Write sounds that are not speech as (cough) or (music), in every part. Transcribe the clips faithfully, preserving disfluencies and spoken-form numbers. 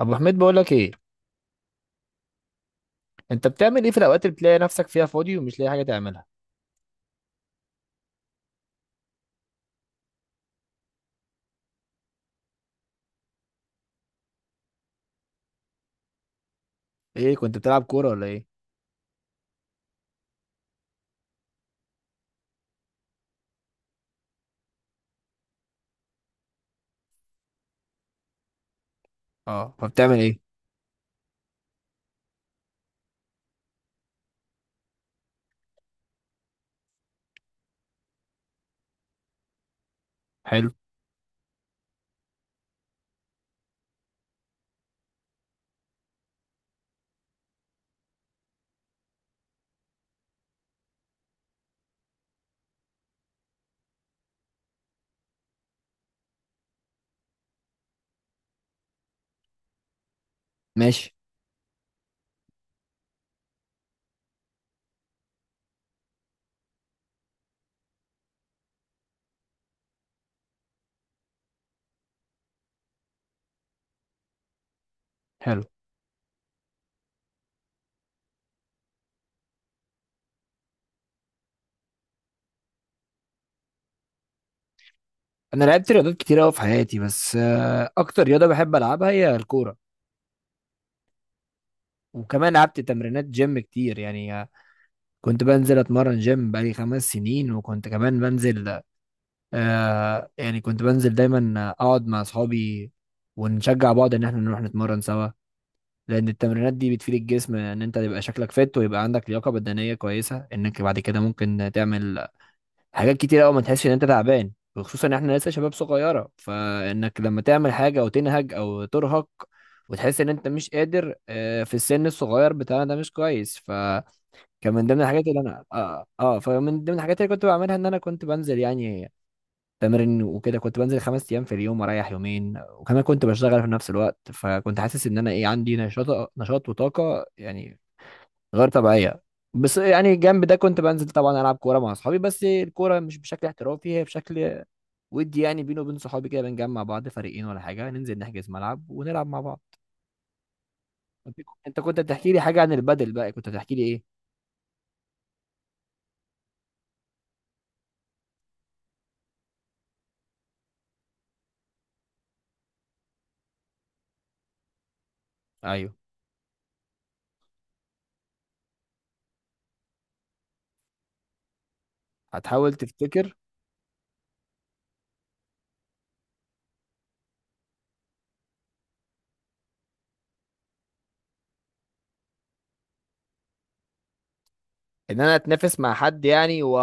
ابو حميد بقول لك ايه. انت بتعمل ايه في الاوقات اللي بتلاقي نفسك فيها فاضي ومش لاقي حاجه تعملها؟ ايه، كنت بتلعب كوره ولا ايه؟ اه، فبتعمل ايه؟ حلو. ماشي. حلو. انا لعبت رياضات كتير قوي في حياتي، بس آه، اكتر رياضه بحب العبها هي الكوره. وكمان لعبت تمرينات جيم كتير، يعني آه، كنت بنزل اتمرن جيم بقالي خمس سنين. وكنت كمان بنزل، آه يعني كنت بنزل دايما، آه، اقعد مع اصحابي ونشجع بعض ان احنا نروح نتمرن سوا، لان التمرينات دي بتفيد الجسم، ان انت تبقى شكلك فت ويبقى عندك لياقه بدنيه كويسه، انك بعد كده ممكن تعمل حاجات كتير قوي ما تحسش ان انت تعبان. وخصوصا ان احنا لسه شباب صغيره، فانك لما تعمل حاجه او تنهج او ترهق وتحس ان انت مش قادر آه، في السن الصغير بتاعنا ده مش كويس. فكان من ضمن الحاجات اللي انا اه, آه فمن ضمن الحاجات اللي كنت بعملها ان انا كنت بنزل يعني تمرين وكده. كنت بنزل خمس ايام في اليوم واريح يومين، وكمان كنت بشتغل في نفس الوقت، فكنت حاسس ان انا ايه، عندي نشاط نشاط وطاقه يعني غير طبيعيه. بس يعني جنب ده كنت بنزل طبعا العب كوره مع اصحابي، بس الكوره مش بشكل احترافي، هي بشكل ودي، يعني بيني وبين صحابي كده، بنجمع بعض فريقين ولا حاجه، ننزل نحجز ملعب ونلعب مع بعض. انت كنت بتحكي لي حاجه عن البدل بقى، كنت بتحكي لي ايه؟ ايوه. هتحاول تفتكر. ان انا اتنافس مع حد يعني، و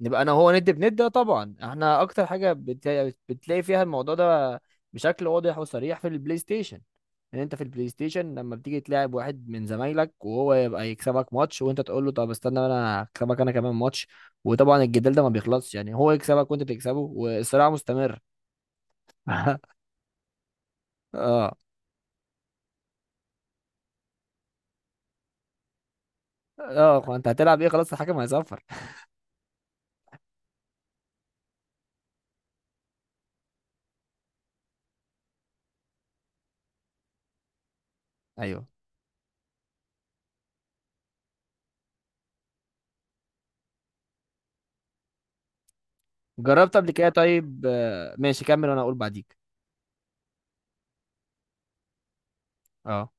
نبقى انا وهو ند بند؟ ده طبعا احنا اكتر حاجه بت... بتلاقي فيها الموضوع ده بشكل واضح وصريح في البلاي ستيشن. ان انت في البلاي ستيشن لما بتيجي تلاعب واحد من زمايلك وهو يبقى يكسبك ماتش، وانت تقول له طب استنى انا هكسبك انا كمان ماتش. وطبعا الجدال ده ما بيخلصش، يعني هو يكسبك وانت تكسبه والصراع مستمر. (laughs) اه. اه، انت هتلعب ايه، خلاص الحكم هيصفر. ايوه. جربت قبل كده؟ طيب آه، ماشي، كمل وانا اقول بعديك. اه.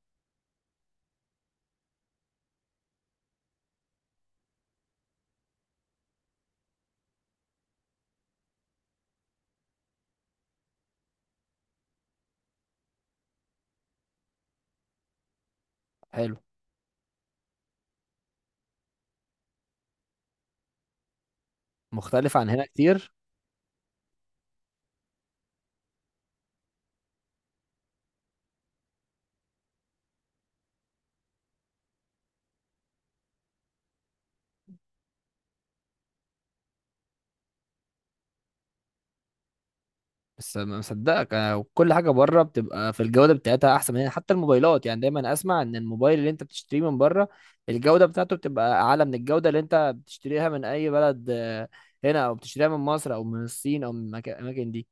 حلو. مختلف عن هنا كتير. بس ما مصدقك، أنا وكل حاجه بره بتبقى في الجوده بتاعتها احسن من هنا. حتى الموبايلات يعني، دايما اسمع ان الموبايل اللي انت بتشتريه من بره الجوده بتاعته بتبقى اعلى من الجوده اللي انت بتشتريها من اي بلد آه، هنا، او بتشتريها من مصر او من الصين او من المكا- الاماكن دي.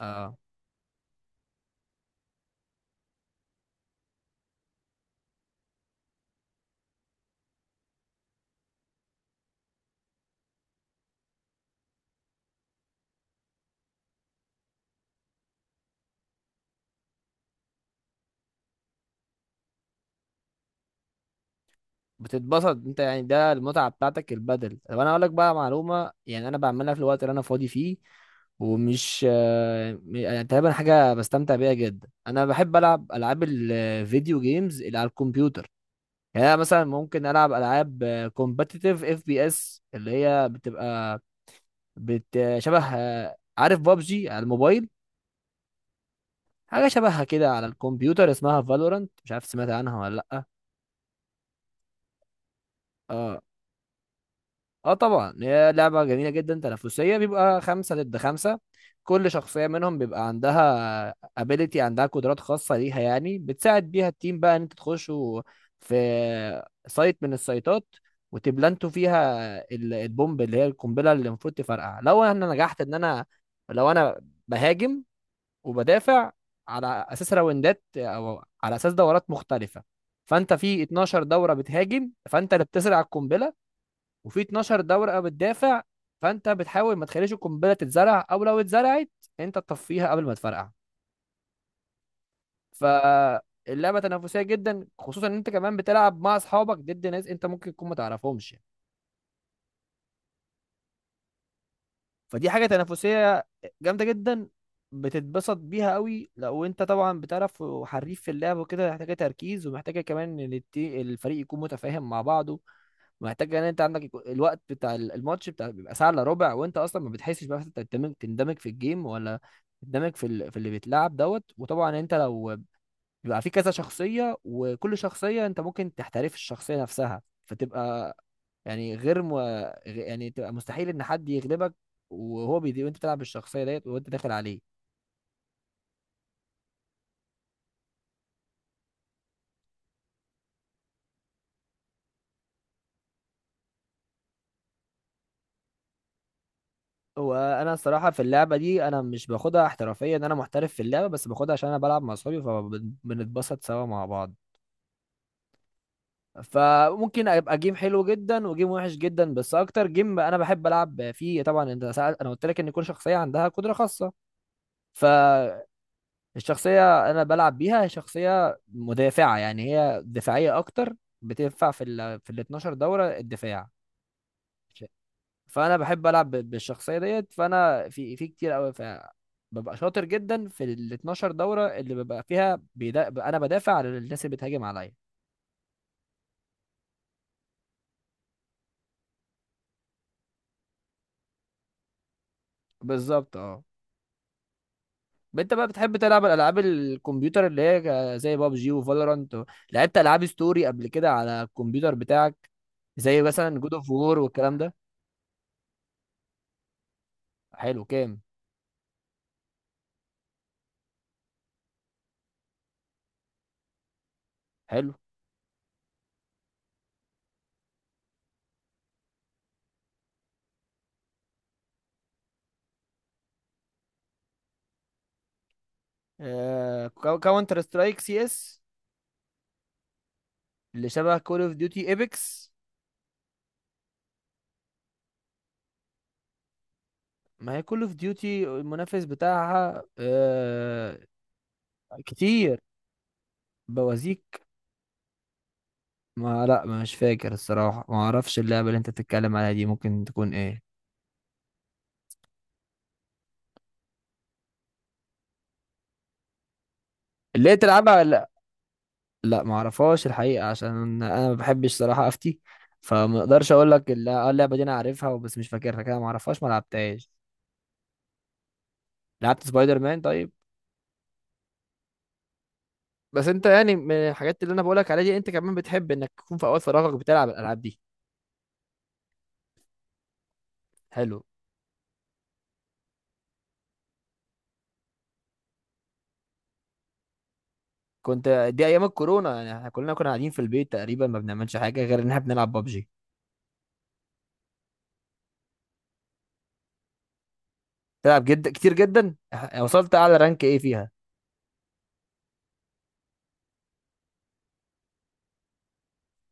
آه. بتتبسط انت يعني، ده المتعه بتاعتك البدل. طب انا اقول لك بقى معلومه، يعني انا بعملها في الوقت اللي انا فاضي فيه ومش آه، م- يعني تقريبا حاجه بستمتع بيها جدا. انا بحب العب العاب الفيديو جيمز اللي على الكمبيوتر. يعني انا مثلا ممكن العب العاب كومبتيتيف اف بي اس، اللي هي بتبقى بت شبه آه، عارف بابجي على الموبايل؟ حاجه شبهها كده على الكمبيوتر اسمها فالورانت، مش عارف سمعت عنها ولا لا. اه. اه طبعا، هي لعبة جميلة جدا تنافسية، بيبقى خمسة ضد خمسة. كل شخصية منهم بيبقى عندها ability، عندها قدرات خاصة ليها يعني بتساعد بيها التيم بقى ان انت تخشوا في سايت من السايتات وتبلانتوا فيها ال- البومب، اللي هي القنبلة اللي المفروض تفرقع لو انا نجحت ان انا لو انا بهاجم وبدافع على اساس راوندات او على اساس دورات مختلفة. فانت في اتناشر دورة بتهاجم، فانت اللي بتزرع القنبلة، وفي اتناشر دورقه بتدافع. فانت بتحاول ما تخليش القنبله تتزرع، او لو اتزرعت انت تطفيها قبل ما تفرقع. فاللعبه تنافسيه جدا، خصوصا ان انت كمان بتلعب مع اصحابك ضد ناس انت ممكن تكون ما تعرفهمش. فدي حاجه تنافسيه جامده جدا، بتتبسط بيها قوي لو انت طبعا بتعرف وحريف في اللعب وكده. محتاجه تركيز، ومحتاجه كمان ان الت- الفريق يكون متفاهم مع بعضه. محتاج ان انت عندك يكون الوقت بتاع ال- الماتش بتاع بيبقى ساعه الا ربع، وانت اصلا ما بتحسش بقى انت تندمج تندمج في الجيم، ولا تندمج في ال... في اللي بيتلعب دوت. وطبعا انت لو بيبقى في كذا شخصيه، وكل شخصيه انت ممكن تحترف الشخصيه نفسها، فتبقى يعني غير م... غ- يعني تبقى مستحيل ان حد يغلبك وهو بيدي وانت بتلعب بالشخصيه ديت وانت داخل عليه. وانا الصراحه في اللعبه دي انا مش باخدها احترافيا ان انا محترف في اللعبه، بس باخدها عشان انا بلعب مع اصحابي فبنتبسط سوا مع بعض. فممكن ابقى جيم حلو جدا وجيم وحش جدا. بس اكتر جيم انا بحب العب فيه، طبعا انت سأل، انا قلت لك ان كل شخصيه عندها قدره خاصه. فالشخصيه انا بلعب بيها هي شخصيه مدافعه، يعني هي دفاعيه اكتر، بتنفع في ال في ال اثنا عشر دوره الدفاع. فانا بحب العب ب- بالشخصيه ديت، فانا في في كتير قوي ببقى شاطر جدا في ال اثنا عشر دوره اللي ببقى فيها بيدا... انا بدافع عن الناس اللي بتهاجم عليا. بالظبط اه. انت بقى بتحب تلعب الالعاب الكمبيوتر اللي هي ك- زي بابجي وفالورانت؟ لعبت العاب ستوري قبل كده على الكمبيوتر بتاعك، زي مثلا جود اوف وور والكلام ده؟ حلو كام. حلو. آه. كاونتر سترايك، سي اس. اللي شبه كول اوف ديوتي، ايبكس. ما هي كول اوف ديوتي المنافس بتاعها. آه، كتير بوازيك. ما لا، مش فاكر الصراحة، ما اعرفش اللعبة اللي انت بتتكلم عليها دي، ممكن تكون ايه؟ اللي هي تلعبها؟ لا، ما اعرفهاش الحقيقه، عشان انا ما بحبش صراحه افتي، فما اقدرش اقول لك الل- آه اللعبه دي انا عارفها بس مش فاكرها كده، ما اعرفهاش ما لعبتهاش. لعبت سبايدر مان طيب. بس انت يعني من الحاجات اللي انا بقولك عليها دي، انت كمان بتحب انك تكون في اوقات فراغك بتلعب الالعاب دي. حلو. كنت. دي ايام الكورونا يعني، احنا كلنا كنا قاعدين في البيت، تقريبا ما بنعملش حاجه غير ان احنا بنلعب بابجي. تلعب جدا كتير جدا. اه، وصلت اعلى رانك ايه فيها؟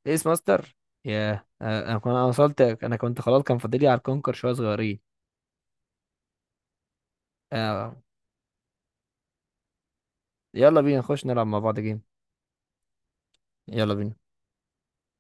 ايس ماستر؟ ياه. اه، انا كنت، انا وصلت، انا كنت خلاص كان فاضلي على الكونكر شويه صغيرين. آه، يلا بينا نخش نلعب مع بعض جيم. يلا بينا.